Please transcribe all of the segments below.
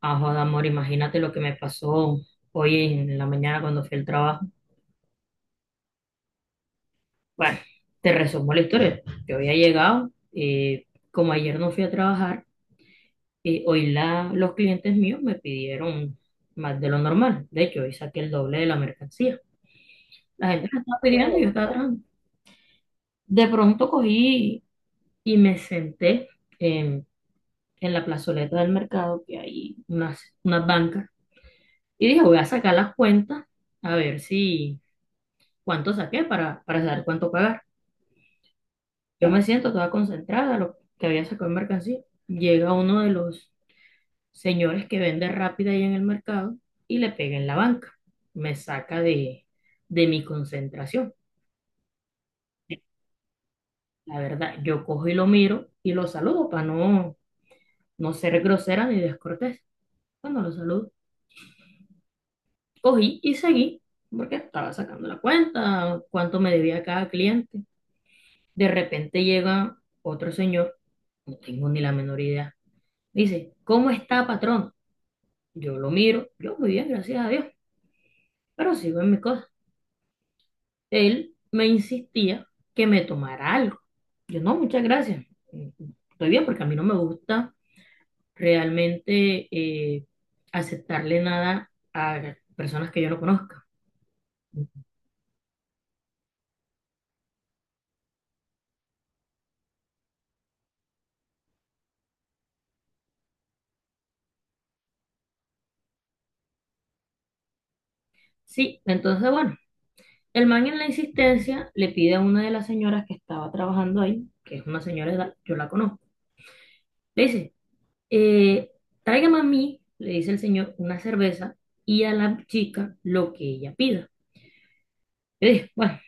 Ah, joda, amor, imagínate lo que me pasó hoy en la mañana cuando fui al trabajo. Bueno, te resumo la historia. Yo había llegado, como ayer no fui a trabajar, hoy los clientes míos me pidieron más de lo normal. De hecho, hoy saqué el doble de la mercancía. La gente me estaba pidiendo y yo estaba trabajando. De pronto cogí y me senté en, en la plazoleta del mercado, que hay unas bancas, y dije, voy a sacar las cuentas a ver si cuánto saqué para saber cuánto pagar. Yo me siento toda concentrada, lo que había sacado en mercancía. Llega uno de los señores que vende rápida ahí en el mercado y le pega en la banca. Me saca de mi concentración. La verdad, yo cojo y lo miro y lo saludo para no ser grosera ni descortés. Cuando lo saludo, cogí y seguí porque estaba sacando la cuenta, cuánto me debía cada cliente. De repente llega otro señor, no tengo ni la menor idea. Dice, ¿cómo está, patrón? Yo lo miro, yo muy bien, gracias a Dios, pero sigo en mis cosas. Él me insistía que me tomara algo. Yo no, muchas gracias. Estoy bien porque a mí no me gusta realmente aceptarle nada a personas que yo no conozca. Sí, entonces bueno, el man en la insistencia le pide a una de las señoras que estaba trabajando ahí, que es una señora de edad, yo la conozco. Le dice, Eh, tráigame a mí, le dice el señor, una cerveza y a la chica lo que ella pida. Yo dije, bueno,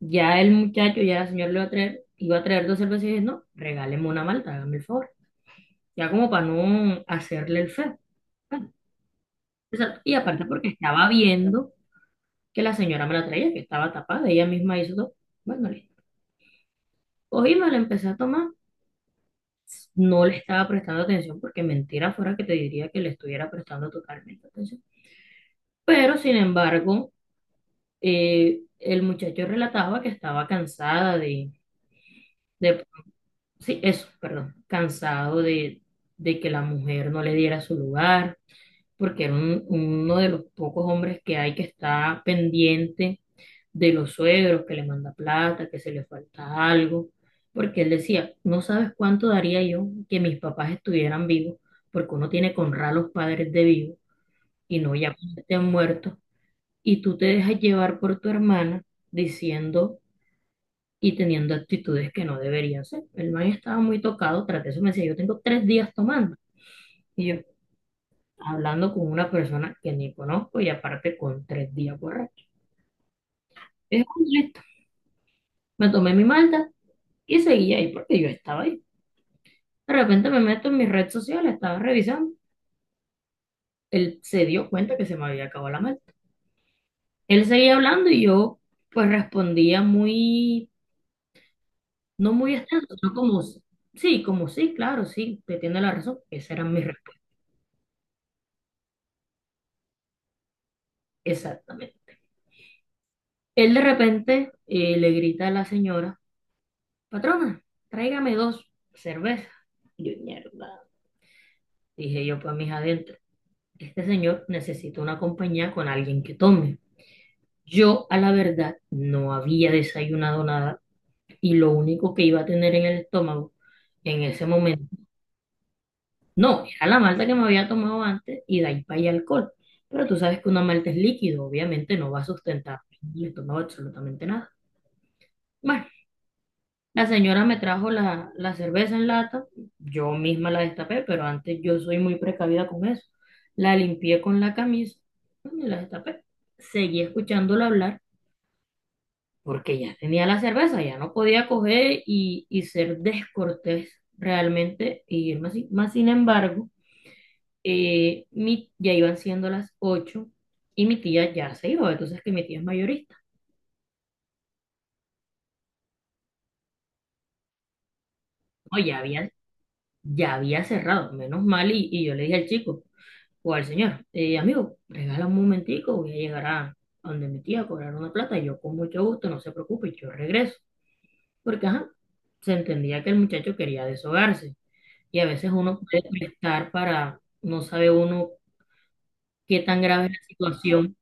ya el señor le va a traer, iba a traer dos cervezas y dije, no, regáleme una malta, hágame el favor. Ya como para no hacerle el feo. Bueno, exacto. Y aparte porque estaba viendo que la señora me la traía, que estaba tapada, ella misma hizo todo. Bueno, listo. Cogí, me la empecé a tomar, no le estaba prestando atención porque mentira fuera que te diría que le estuviera prestando totalmente atención. Pero sin embargo, el muchacho relataba que estaba de- sí, eso, perdón, cansado de que la mujer no le diera su lugar, porque uno de los pocos hombres que hay que está pendiente de los suegros, que le manda plata, que se le falta algo, porque él decía, no sabes cuánto daría yo que mis papás estuvieran vivos, porque uno tiene que honrar a los padres de vivo y no ya cuando estén muertos, y tú te dejas llevar por tu hermana diciendo y teniendo actitudes que no deberían ser. El man estaba muy tocado, tras de eso me decía, yo tengo 3 días tomando. Y yo, hablando con una persona que ni conozco y aparte con 3 días borracho. Es un listo. Me tomé mi malta y seguí ahí porque yo estaba ahí. De repente me meto en mis redes sociales, estaba revisando. Él se dio cuenta que se me había acabado la malta. Él seguía hablando y yo pues respondía no muy extenso, sino como sí, claro, sí, te tiene la razón. Esa era mi respuesta, exactamente. Él de repente le grita a la señora, patrona, tráigame dos cervezas. Yo, mierda, dije yo para mis adentros, este señor necesita una compañía con alguien que tome. Yo a la verdad no había desayunado nada y lo único que iba a tener en el estómago en ese momento, no, era la malta que me había tomado antes y de ahí para allá alcohol. Pero tú sabes que una malta es líquido, obviamente no va a sustentar el estómago absolutamente nada. Bueno, la señora me trajo la cerveza en lata, yo misma la destapé, pero antes yo soy muy precavida con eso. La limpié con la camisa y la destapé. Seguí escuchándola hablar porque ya tenía la cerveza, ya no podía coger y ser descortés realmente y irme así. Más sin embargo, ya iban siendo las 8 y mi tía ya se iba, entonces que mi tía es mayorista. No, ya había cerrado, menos mal, y yo le dije al chico. O al señor, amigo, regala un momentico, voy a llegar a donde mi tía a cobrar una plata, y yo con mucho gusto, no se preocupe, yo regreso. Porque, ajá, se entendía que el muchacho quería deshogarse. Y a veces uno puede prestar para, no sabe uno qué tan grave es la situación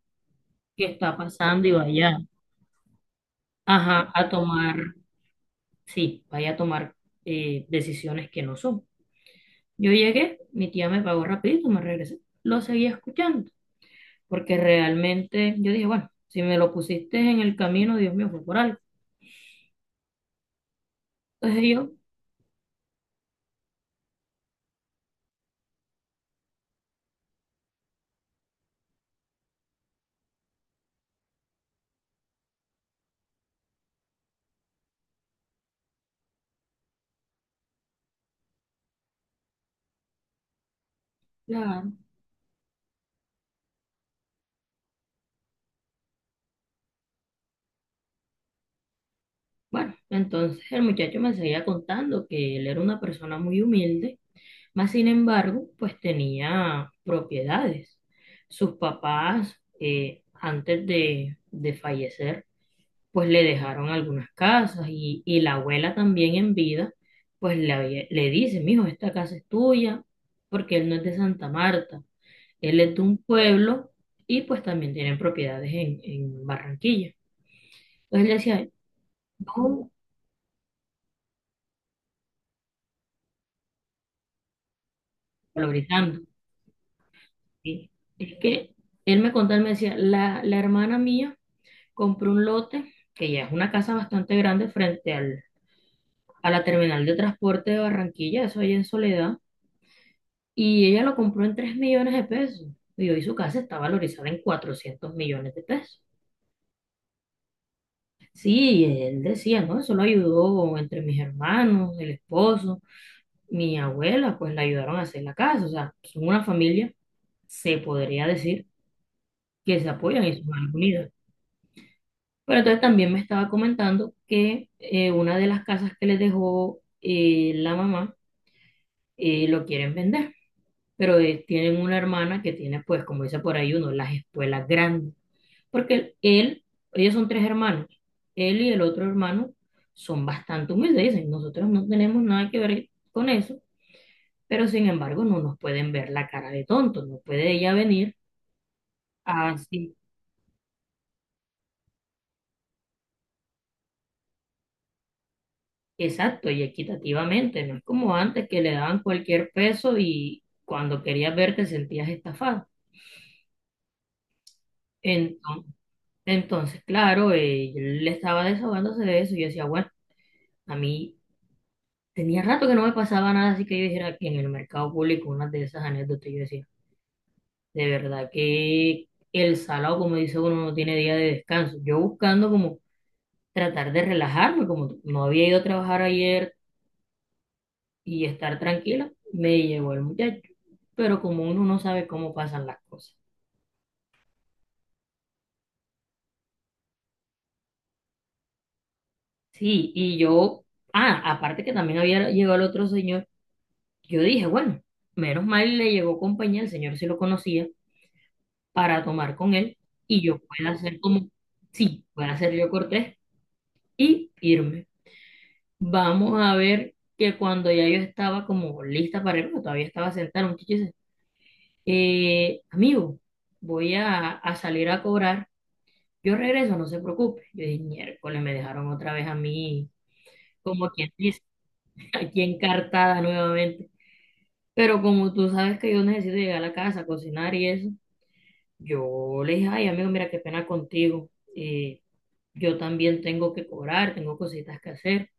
que está pasando y vaya, ajá, a tomar, sí, vaya a tomar decisiones que no son. Yo llegué, mi tía me pagó rapidito, me regresé, lo seguí escuchando. Porque realmente yo dije, bueno, si me lo pusiste en el camino, Dios mío, fue por algo. Entonces yo, claro, bueno, entonces el muchacho me seguía contando que él era una persona muy humilde, más sin embargo, pues tenía propiedades. Sus papás, de fallecer, pues le dejaron algunas casas y la abuela también en vida, le dice, mijo, esta casa es tuya, porque él no es de Santa Marta. Él es de un pueblo y pues también tienen propiedades en Barranquilla. Entonces él decía, no, valorizando. ¿Sí? Es que él me contó, él me decía, la hermana mía compró un lote, que ya es una casa bastante grande frente a la terminal de transporte de Barranquilla, eso allá en Soledad, y ella lo compró en 3 millones de pesos. Y hoy su casa está valorizada en 400 millones de pesos. Sí, y él decía, ¿no? Eso lo ayudó entre mis hermanos, el esposo. Mi abuela, pues la ayudaron a hacer la casa. O sea, son una familia, se podría decir, que se apoyan y son algo unidas. Pero entonces también me estaba comentando que una de las casas que les dejó la mamá lo quieren vender. Pero tienen una hermana que tiene, pues, como dice por ahí uno, las espuelas grandes. Porque él, ellos son tres hermanos. Él y el otro hermano son bastante humildes. Dicen, nosotros no tenemos nada que ver con eso, pero sin embargo no nos pueden ver la cara de tonto, no puede ella venir así, exacto, y equitativamente, no es como antes que le daban cualquier peso y cuando querías ver te sentías estafado. Entonces, entonces, claro, yo le estaba desahogándose de eso y yo decía, bueno, a mí tenía rato que no me pasaba nada, así que yo dijera que en el mercado público una de esas anécdotas, yo decía, de verdad que el salado, como dice uno, no tiene día de descanso. Yo buscando como tratar de relajarme, como no había ido a trabajar ayer y estar tranquila, me llevó el muchacho. Pero como uno no sabe cómo pasan las cosas. Sí, y yo, ah, aparte que también había llegado el otro señor, yo dije, bueno, menos mal le llegó compañía, el señor sí lo conocía, para tomar con él y yo pueda hacer como, sí, pueda hacer yo cortés y irme. Vamos a ver que cuando ya yo estaba como lista para irme, todavía estaba sentada, un muchacho amigo, voy a salir a cobrar, yo regreso, no se preocupe. Yo dije, miércoles, me dejaron otra vez a mí, como quien dice, aquí encartada nuevamente. Pero como tú sabes que yo necesito llegar a la casa, cocinar y eso, yo le dije, ay, amigo, mira, qué pena contigo. eh, yo también tengo que cobrar, tengo cositas que hacer.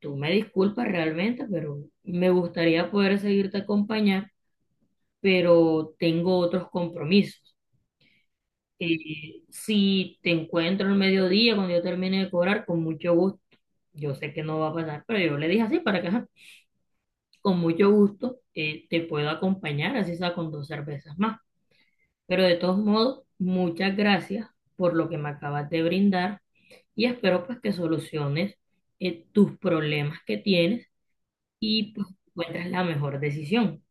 Tú me disculpas realmente, pero me gustaría poder seguirte acompañar, pero tengo otros compromisos. Si te encuentro el mediodía cuando yo termine de cobrar, con mucho gusto, yo sé que no va a pasar, pero yo le dije así para que ajá, con mucho gusto te puedo acompañar, así sea con dos cervezas más. Pero de todos modos, muchas gracias por lo que me acabas de brindar y espero pues que soluciones tus problemas que tienes y pues encuentres la mejor decisión.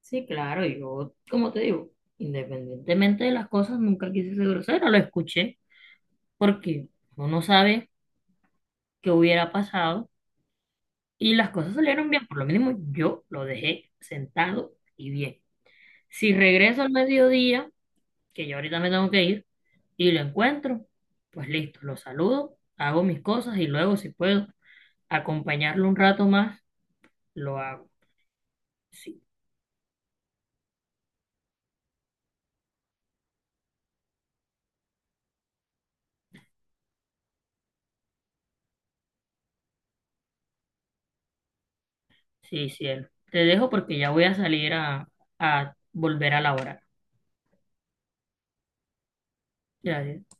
Sí, claro, yo, como te digo, independientemente de las cosas, nunca quise ser grosero, lo escuché. Porque uno no sabe qué hubiera pasado y las cosas salieron bien, por lo mínimo yo lo dejé sentado y bien. Si regreso al mediodía, que yo ahorita me tengo que ir, y lo encuentro, pues listo, lo saludo, hago mis cosas y luego si puedo acompañarlo un rato más, lo hago. Sí, sí, cielo. Te dejo porque ya voy a salir a volver a laborar. Gracias.